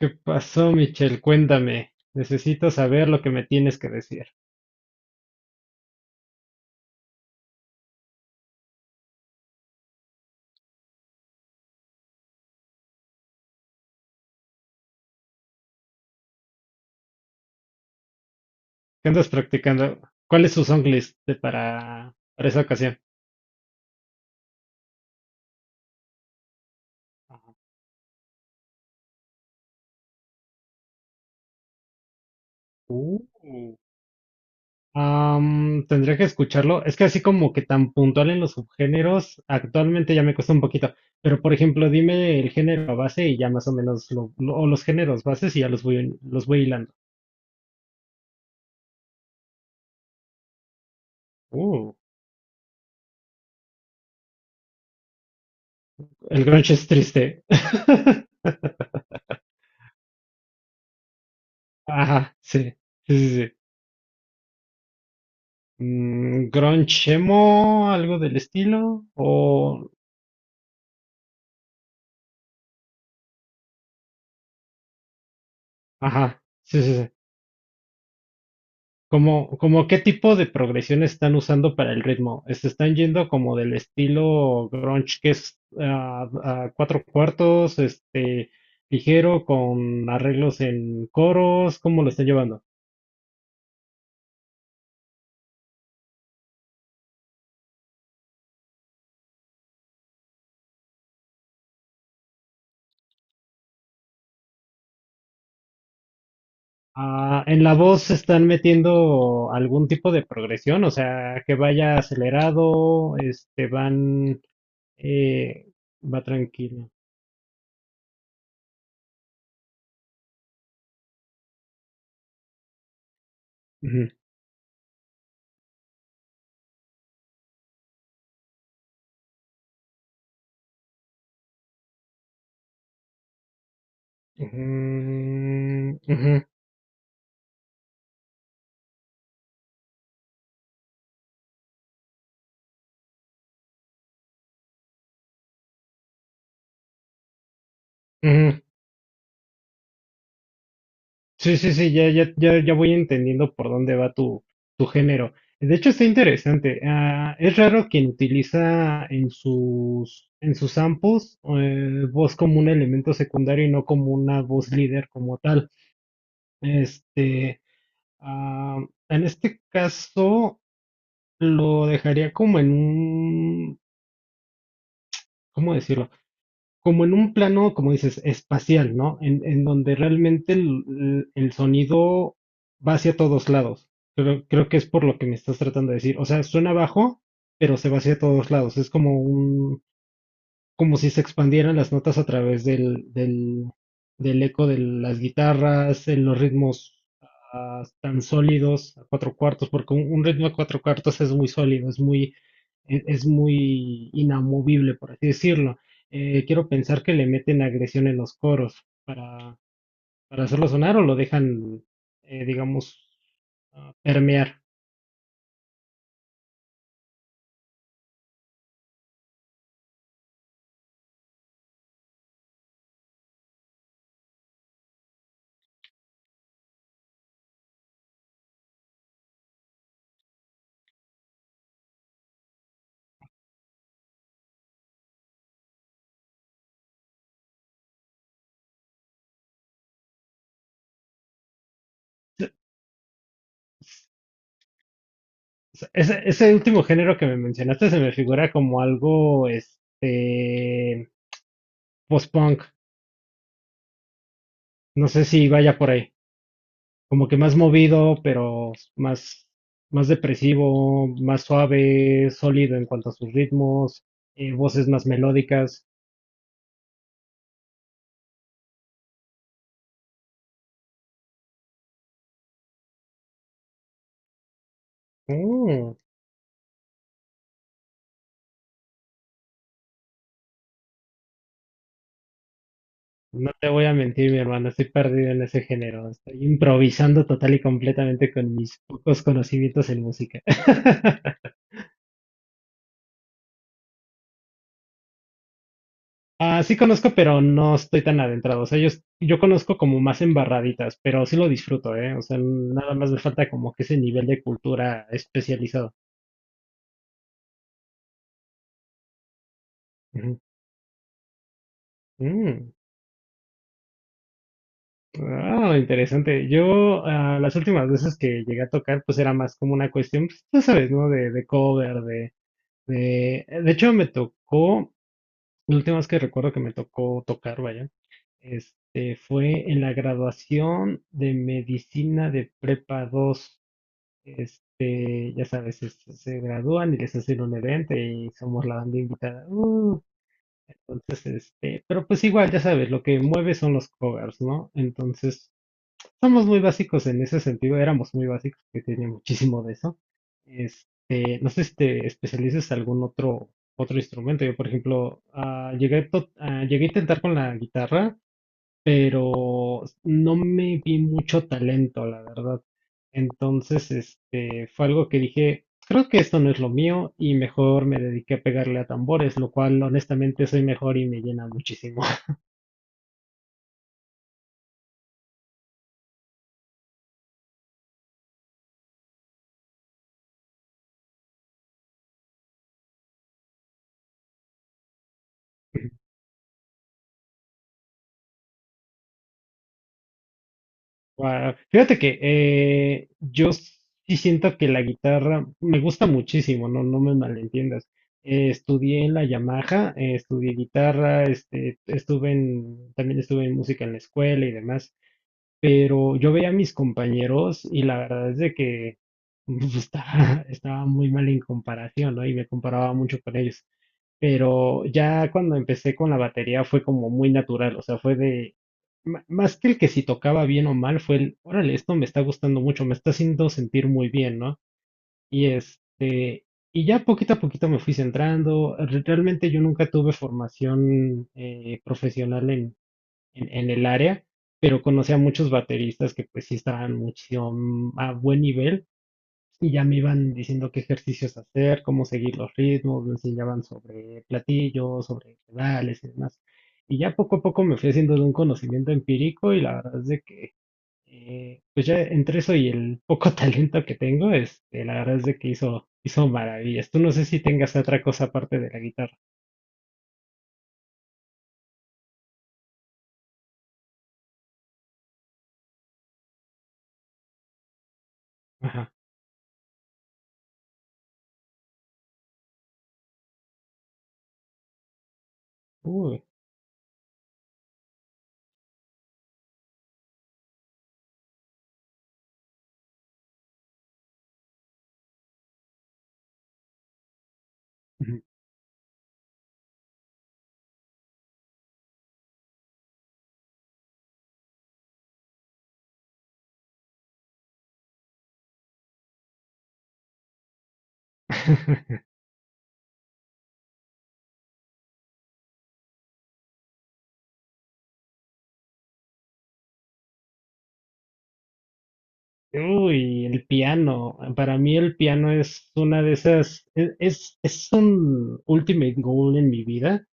¿Qué pasó, Michelle? Cuéntame. Necesito saber lo que me tienes que decir. ¿Qué andas practicando? ¿Cuál es tu song de para esa ocasión? Uh. Tendría que escucharlo. Es que así como que tan puntual en los subgéneros, actualmente ya me cuesta un poquito. Pero por ejemplo, dime el género base y ya más o menos o los géneros bases y ya los voy hilando. Uh. El grunge es triste. Ajá, sí. Sí, sí, sí. Mm, grunge emo, algo del estilo, o, ajá, sí, sí, sí. Como, como qué tipo de progresión están usando para el ritmo. ¿Se están yendo como del estilo grunge que es a cuatro cuartos, ligero, con arreglos en coros? ¿Cómo lo están llevando? Ah, ¿en la voz están metiendo algún tipo de progresión? O sea, que vaya acelerado, van, eh, va tranquilo. Ujú, ujú, ujú. Sí, sí, sí, ya, ya, ya, ya voy entendiendo por dónde va tu género. De hecho, está interesante. Ah, es raro quien utiliza en en sus samples voz como un elemento secundario y no como una voz líder como tal. Este, en este caso, lo dejaría como en un, ¿cómo decirlo? Como en un plano, como dices, espacial, ¿no? En donde realmente el sonido va hacia todos lados. Creo que es por lo que me estás tratando de decir. O sea, suena bajo, pero se va hacia todos lados. Es como un, como si se expandieran las notas a través del eco de las guitarras, en los ritmos tan sólidos a cuatro cuartos, porque un ritmo a cuatro cuartos es muy sólido, es muy, es muy inamovible, por así decirlo. Quiero pensar que le meten agresión en los coros para hacerlo sonar o lo dejan, digamos, permear. Ese último género que me mencionaste se me figura como algo, post-punk. No sé si vaya por ahí. Como que más movido, más depresivo, más suave, sólido en cuanto a sus ritmos, voces más melódicas. Mm, no te voy a mentir, mi hermano, estoy perdido en ese género. Estoy improvisando total y completamente con mis pocos conocimientos en música. Ah, sí conozco, pero no estoy tan adentrado. O sea, yo, yo conozco como más embarraditas, pero sí lo disfruto, ¿eh? O sea, nada más me falta como que ese nivel de cultura especializado. Mm, ah, interesante. Yo, ah, las últimas veces que llegué a tocar, pues era más como una cuestión, pues, ya sabes, ¿no? De cover, de... De hecho, la última vez que recuerdo que me tocó tocar, vaya, fue en la graduación de medicina de prepa dos. Ya sabes, se gradúan y les hacen un evento y somos la banda invitada. Entonces, pero pues igual, ya sabes, lo que mueve son los covers, ¿no? Entonces, somos muy básicos en ese sentido, éramos muy básicos, que tenía muchísimo de eso. No sé si te especialices en algún otro, otro instrumento. Yo, por ejemplo, llegué a intentar con la guitarra, pero no me vi mucho talento, la verdad. Entonces, fue algo que dije, creo que esto no es lo mío y mejor me dediqué a pegarle a tambores, lo cual honestamente soy mejor y me llena muchísimo. Guau. Fíjate que yo sí siento que la guitarra me gusta muchísimo, no me malentiendas. Estudié en la Yamaha, estudié guitarra, estuve en, también estuve en música en la escuela y demás, pero yo veía a mis compañeros y la verdad es de que estaba muy mal en comparación, ¿no? Y me comparaba mucho con ellos, pero ya cuando empecé con la batería fue como muy natural, o sea, fue de, más que el que si tocaba bien o mal, fue el, órale, esto me está gustando mucho, me está haciendo sentir muy bien, ¿no? Y y ya poquito a poquito me fui centrando, realmente yo nunca tuve formación profesional en el área, pero conocí a muchos bateristas que pues sí estaban muchísimo a buen nivel y ya me iban diciendo qué ejercicios hacer, cómo seguir los ritmos, me enseñaban sobre platillos, sobre pedales y demás. Y ya poco a poco me fui haciendo de un conocimiento empírico y la verdad es de que, pues ya entre eso y el poco talento que tengo, la verdad es de que hizo maravillas. Tú no sé si tengas otra cosa aparte de la guitarra. Ajá. Uy. Ujú. Uy, el piano. Para mí el piano es una de esas, es un ultimate goal en mi vida.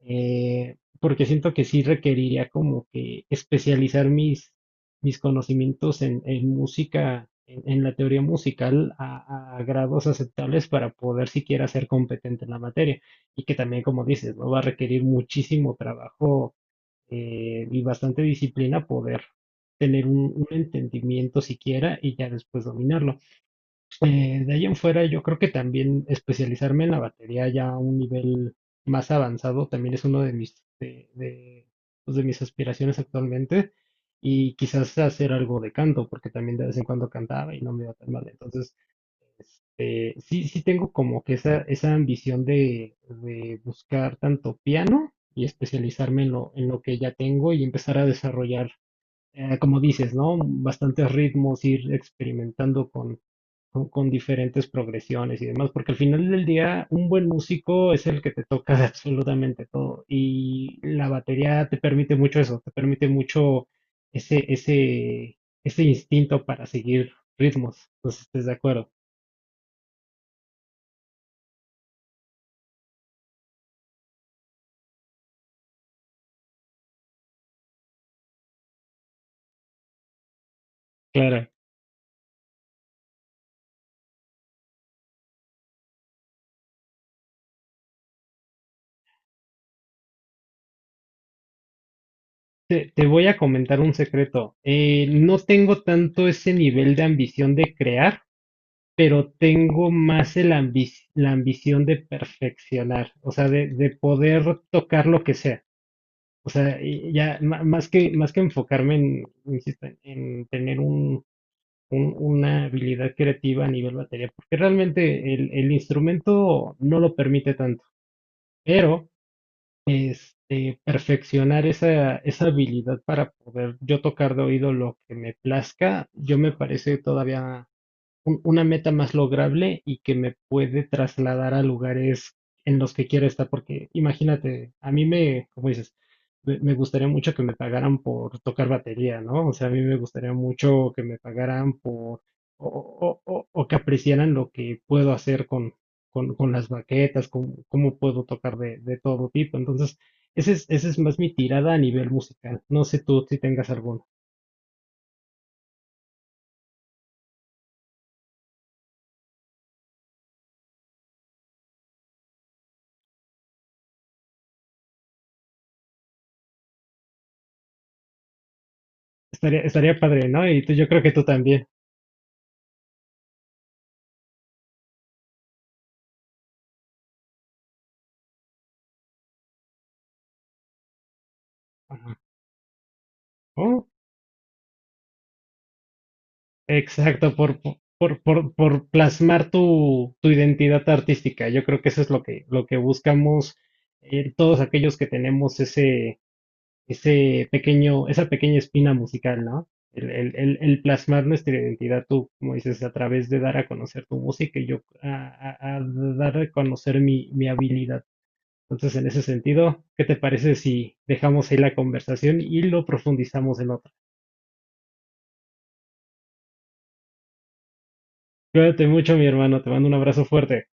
Porque siento que sí requeriría como que especializar mis conocimientos en música, en la teoría musical, a grados aceptables para poder siquiera ser competente en la materia. Y que también, como dices, ¿no? Va a requerir muchísimo trabajo, y bastante disciplina poder tener un entendimiento siquiera y ya después dominarlo. De ahí en fuera, yo creo que también especializarme en la batería ya a un nivel más avanzado también es uno de pues, de mis aspiraciones actualmente. Y quizás hacer algo de canto, porque también de vez en cuando cantaba y no me iba tan mal. Entonces, sí, sí tengo como que esa ambición de buscar tanto piano y especializarme en en lo que ya tengo y empezar a desarrollar, como dices, ¿no? Bastantes ritmos, ir experimentando con diferentes progresiones y demás, porque al final del día un buen músico es el que te toca de absolutamente todo y la batería te permite mucho eso, te permite mucho ese, ese, ese instinto para seguir ritmos, no sé si estés de acuerdo, claro. Te voy a comentar un secreto. No tengo tanto ese nivel de ambición de crear, pero tengo más el la ambición de perfeccionar, o sea, de poder tocar lo que sea. O sea, y ya más que enfocarme en, insisto, en tener un, una habilidad creativa a nivel batería, porque realmente el instrumento no lo permite tanto, pero perfeccionar esa, esa habilidad para poder yo tocar de oído lo que me plazca, yo me parece todavía una meta más lograble y que me puede trasladar a lugares en los que quiera estar, porque imagínate, como dices, me gustaría mucho que me pagaran por tocar batería, ¿no? O sea, a mí me gustaría mucho que me pagaran o que apreciaran lo que puedo hacer con las baquetas, cómo puedo tocar de todo tipo. Entonces, esa es más mi tirada a nivel musical. No sé tú si tengas alguno. Estaría padre, ¿no? Y tú, yo creo que tú también. Ajá. Oh. Exacto, por plasmar tu identidad artística. Yo creo que eso es lo que buscamos, todos aquellos que tenemos ese pequeño, esa pequeña espina musical, ¿no? El plasmar nuestra identidad, tú, como dices, a través de dar a conocer tu música y yo a dar a conocer mi habilidad. Entonces, en ese sentido, ¿qué te parece si dejamos ahí la conversación y lo profundizamos en otra? Cuídate mucho, mi hermano, te mando un abrazo fuerte.